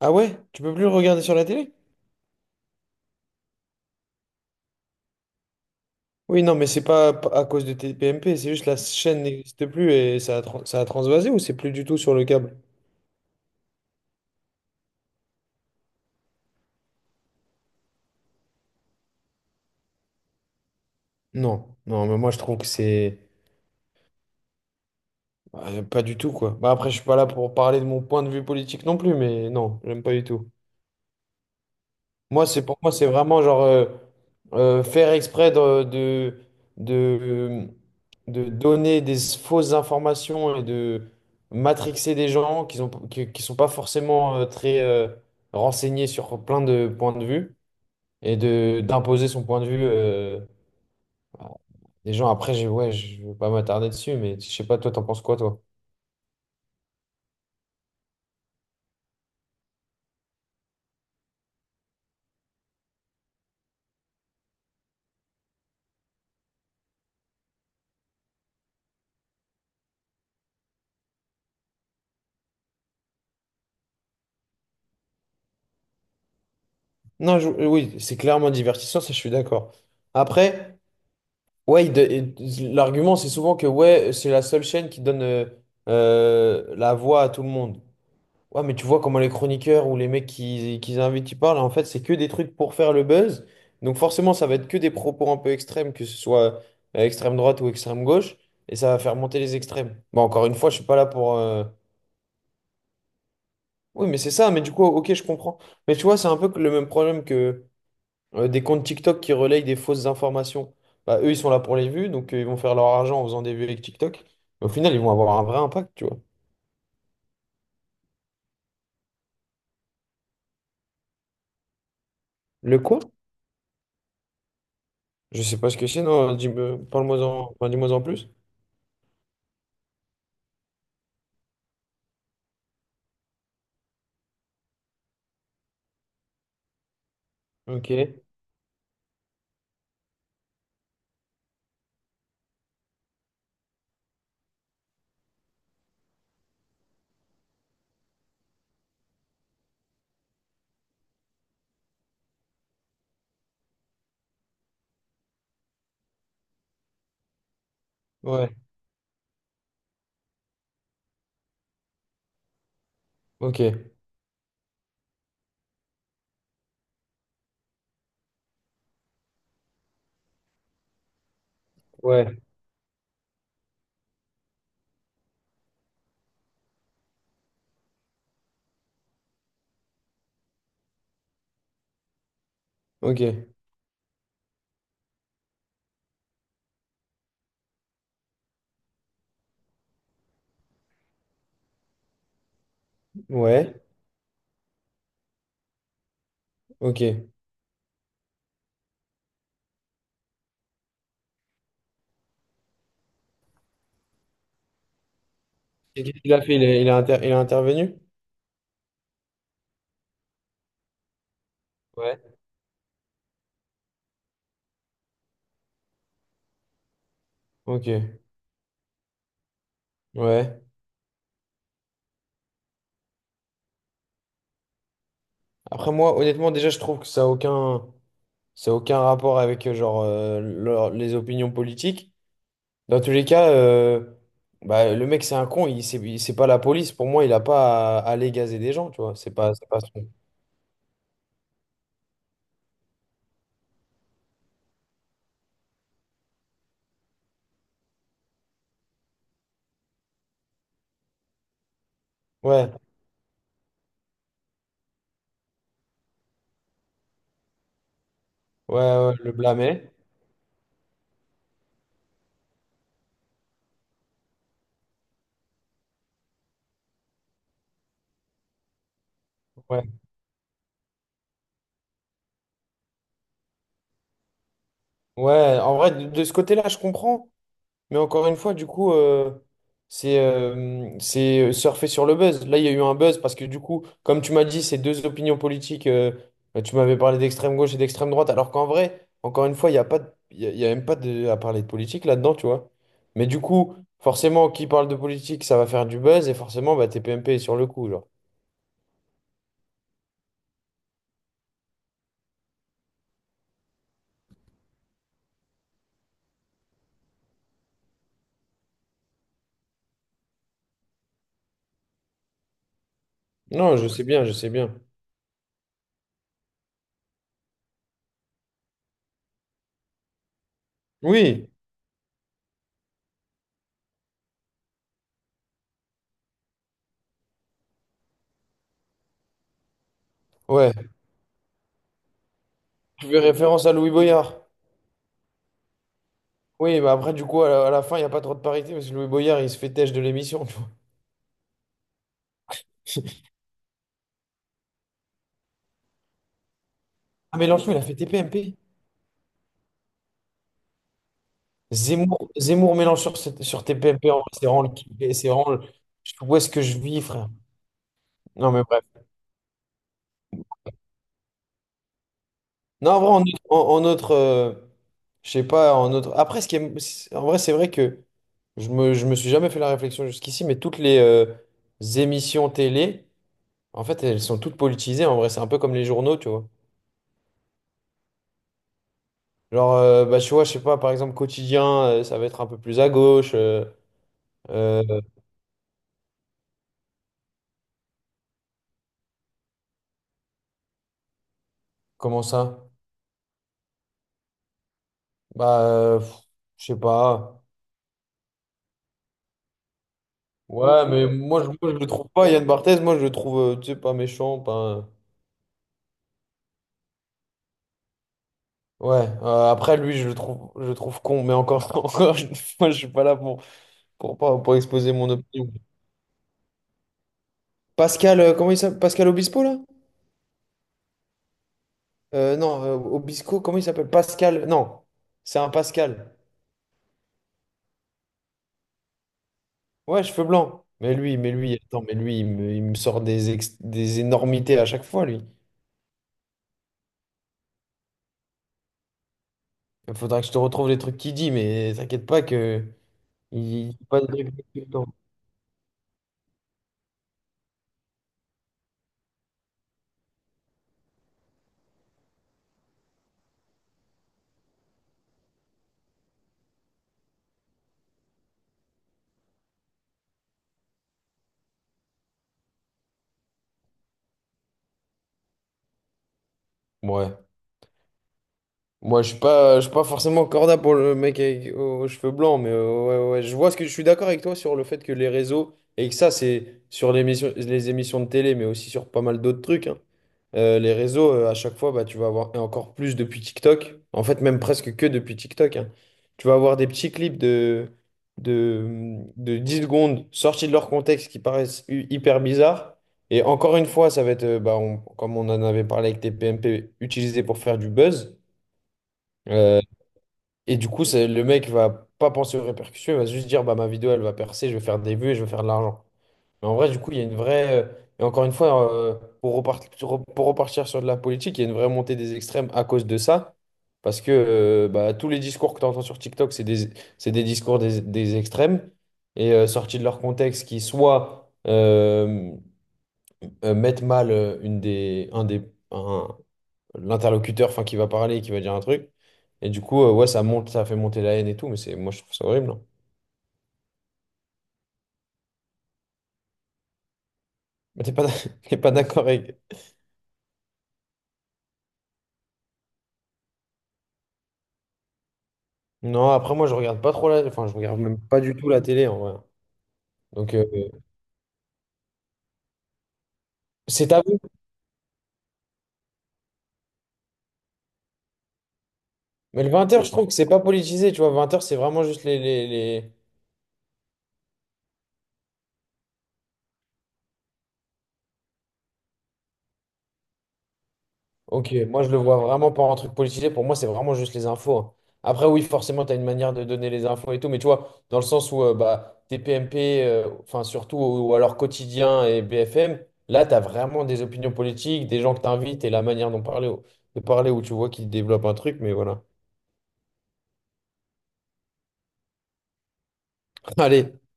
Ah ouais? Tu peux plus le regarder sur la télé? Oui, non, mais c'est pas à cause de TPMP, c'est juste la chaîne n'existe plus et ça a transvasé ou c'est plus du tout sur le câble? Non, non, mais moi je trouve que c'est pas du tout quoi. Bah, après, je suis pas là pour parler de mon point de vue politique non plus, mais non, j'aime pas du tout. Moi, c'est pour moi, c'est vraiment genre faire exprès de, de donner des fausses informations et de matrixer des gens qui sont pas forcément très renseignés sur plein de points de vue et de d'imposer son point de vue à des gens. Après, ouais, je ne vais pas m'attarder dessus, mais je sais pas, toi, t'en penses quoi, toi? Non, oui, c'est clairement divertissant, ça, je suis d'accord. Après. Ouais, l'argument c'est souvent que ouais, c'est la seule chaîne qui donne la voix à tout le monde. Ouais, mais tu vois comment les chroniqueurs ou les mecs qui invitent, ils parlent, en fait, c'est que des trucs pour faire le buzz. Donc forcément, ça va être que des propos un peu extrêmes, que ce soit extrême droite ou extrême gauche, et ça va faire monter les extrêmes. Bon, encore une fois, je suis pas là pour. Oui, mais c'est ça, mais du coup, ok, je comprends. Mais tu vois, c'est un peu que le même problème des comptes TikTok qui relayent des fausses informations. Bah, eux, ils sont là pour les vues, donc ils vont faire leur argent en faisant des vues avec TikTok. Mais au final, ils vont avoir un vrai impact, tu vois. Le quoi? Je sais pas ce que c'est, non, dis-moi, parle-moi en, enfin, dis-moi en plus. Ok, ouais, ok, ouais, ok, ouais, ok. Et qu'est-ce qu'il a fait? Il a intervenu? Ouais. Ok, ouais. Après, moi, honnêtement, déjà, je trouve que ça a aucun rapport avec genre, les opinions politiques. Dans tous les cas, bah, le mec, c'est un con. C'est pas la police. Pour moi, il a pas à, aller gazer des gens, tu vois. C'est pas son. Ouais, ouais, ouais, le blâmer. Ouais, ouais. En vrai, de ce côté-là, je comprends. Mais encore une fois, du coup, c'est surfer sur le buzz. Là, il y a eu un buzz parce que, du coup, comme tu m'as dit, c'est deux opinions politiques. Tu m'avais parlé d'extrême gauche et d'extrême droite, alors qu'en vrai, encore une fois, il n'y a pas de- il y a même pas de, à parler de politique là-dedans, tu vois. Mais du coup, forcément, qui parle de politique, ça va faire du buzz et forcément, bah, TPMP est sur le coup, genre. Non, je sais bien, je sais bien. Oui, ouais. Tu fais référence à Louis Boyard. Oui, bah après, du coup, à la fin, il n'y a pas trop de parité parce que Louis Boyard, il se fait têche de l'émission, tu vois. Ah, Mélenchon, il a fait TPMP. Zemmour Mélenchon sur TPMP, en vrai, c'est vraiment, kiff, c'est vraiment où est-ce que je vis, frère? Non, mais bref. Non, en vrai, en autre, en autre, je sais pas, en autre. Après, ce qui est- c'est- en vrai, c'est vrai que je me suis jamais fait la réflexion jusqu'ici, mais toutes les émissions télé, en fait, elles sont toutes politisées. En vrai, c'est un peu comme les journaux, tu vois. Genre, bah, tu vois, je sais pas, par exemple, Quotidien, ça va être un peu plus à gauche. euh, Comment ça? Bah, pff, je sais pas. Ouais, mais moi, je le trouve pas, Yann Barthès, moi je le trouve, tu sais, pas méchant, pas... Ouais, après lui, je le trouve con, mais encore, encore, une fois, je suis pas là pour exposer mon opinion. Pascal, comment il s'appelle? Pascal Obispo, là? Non, Obispo, comment il s'appelle? Pascal, non, c'est un Pascal. Ouais, cheveux blancs. Attends, mais lui, il me sort des énormités à chaque fois, lui. Il faudra que je te retrouve les trucs qu'il dit, mais t'inquiète pas que... Il dit pas de trucs tout le temps. Ouais. Moi, je suis pas forcément corda pour le mec aux cheveux blancs, mais ouais, ouais, je vois ce que je suis d'accord avec toi sur le fait que les réseaux, et que ça, c'est sur l'émission, les émissions de télé, mais aussi sur pas mal d'autres trucs, hein. Les réseaux, à chaque fois, bah, tu vas avoir, et encore plus depuis TikTok, en fait, même presque que depuis TikTok, hein. Tu vas avoir des petits clips de, de 10 secondes sortis de leur contexte qui paraissent hyper bizarres. Et encore une fois, ça va être, bah, comme on en avait parlé avec tes PMP, utilisé pour faire du buzz. euh, et du coup, c'est, le mec va pas penser aux répercussions, il va juste dire bah ma vidéo elle va percer, je vais faire des vues et je vais faire de l'argent. Mais en vrai, du coup, il y a une vraie. Et encore une fois, pour repartir, pour repartir sur de la politique, il y a une vraie montée des extrêmes à cause de ça. Parce que bah, tous les discours que tu entends sur TikTok, c'est des discours des extrêmes et sortis de leur contexte qui soit mettent mal une des, un, l'interlocuteur enfin, qui va parler, qui va dire un truc. Et du coup, ouais, ça monte, ça fait monter la haine et tout, mais c'est moi je trouve ça horrible. Hein. Mais t'es pas, d'ac- t'es pas d'accord avec. Non, après moi je regarde pas trop la. Enfin, je regarde même pas du tout la télé en vrai. Donc c'est à vous. Mais le 20 heures je trouve que c'est pas politisé, tu vois. 20 heures c'est vraiment juste. Ok, moi je le vois vraiment pas en truc politisé, pour moi c'est vraiment juste les infos. Hein. Après oui, forcément tu as une manière de donner les infos et tout, mais tu vois, dans le sens où bah, TPMP, enfin surtout, ou alors Quotidien et BFM, là tu as vraiment des opinions politiques, des gens que tu invites et la manière dont parler, de parler où tu vois qu'ils développent un truc, mais voilà. Allez,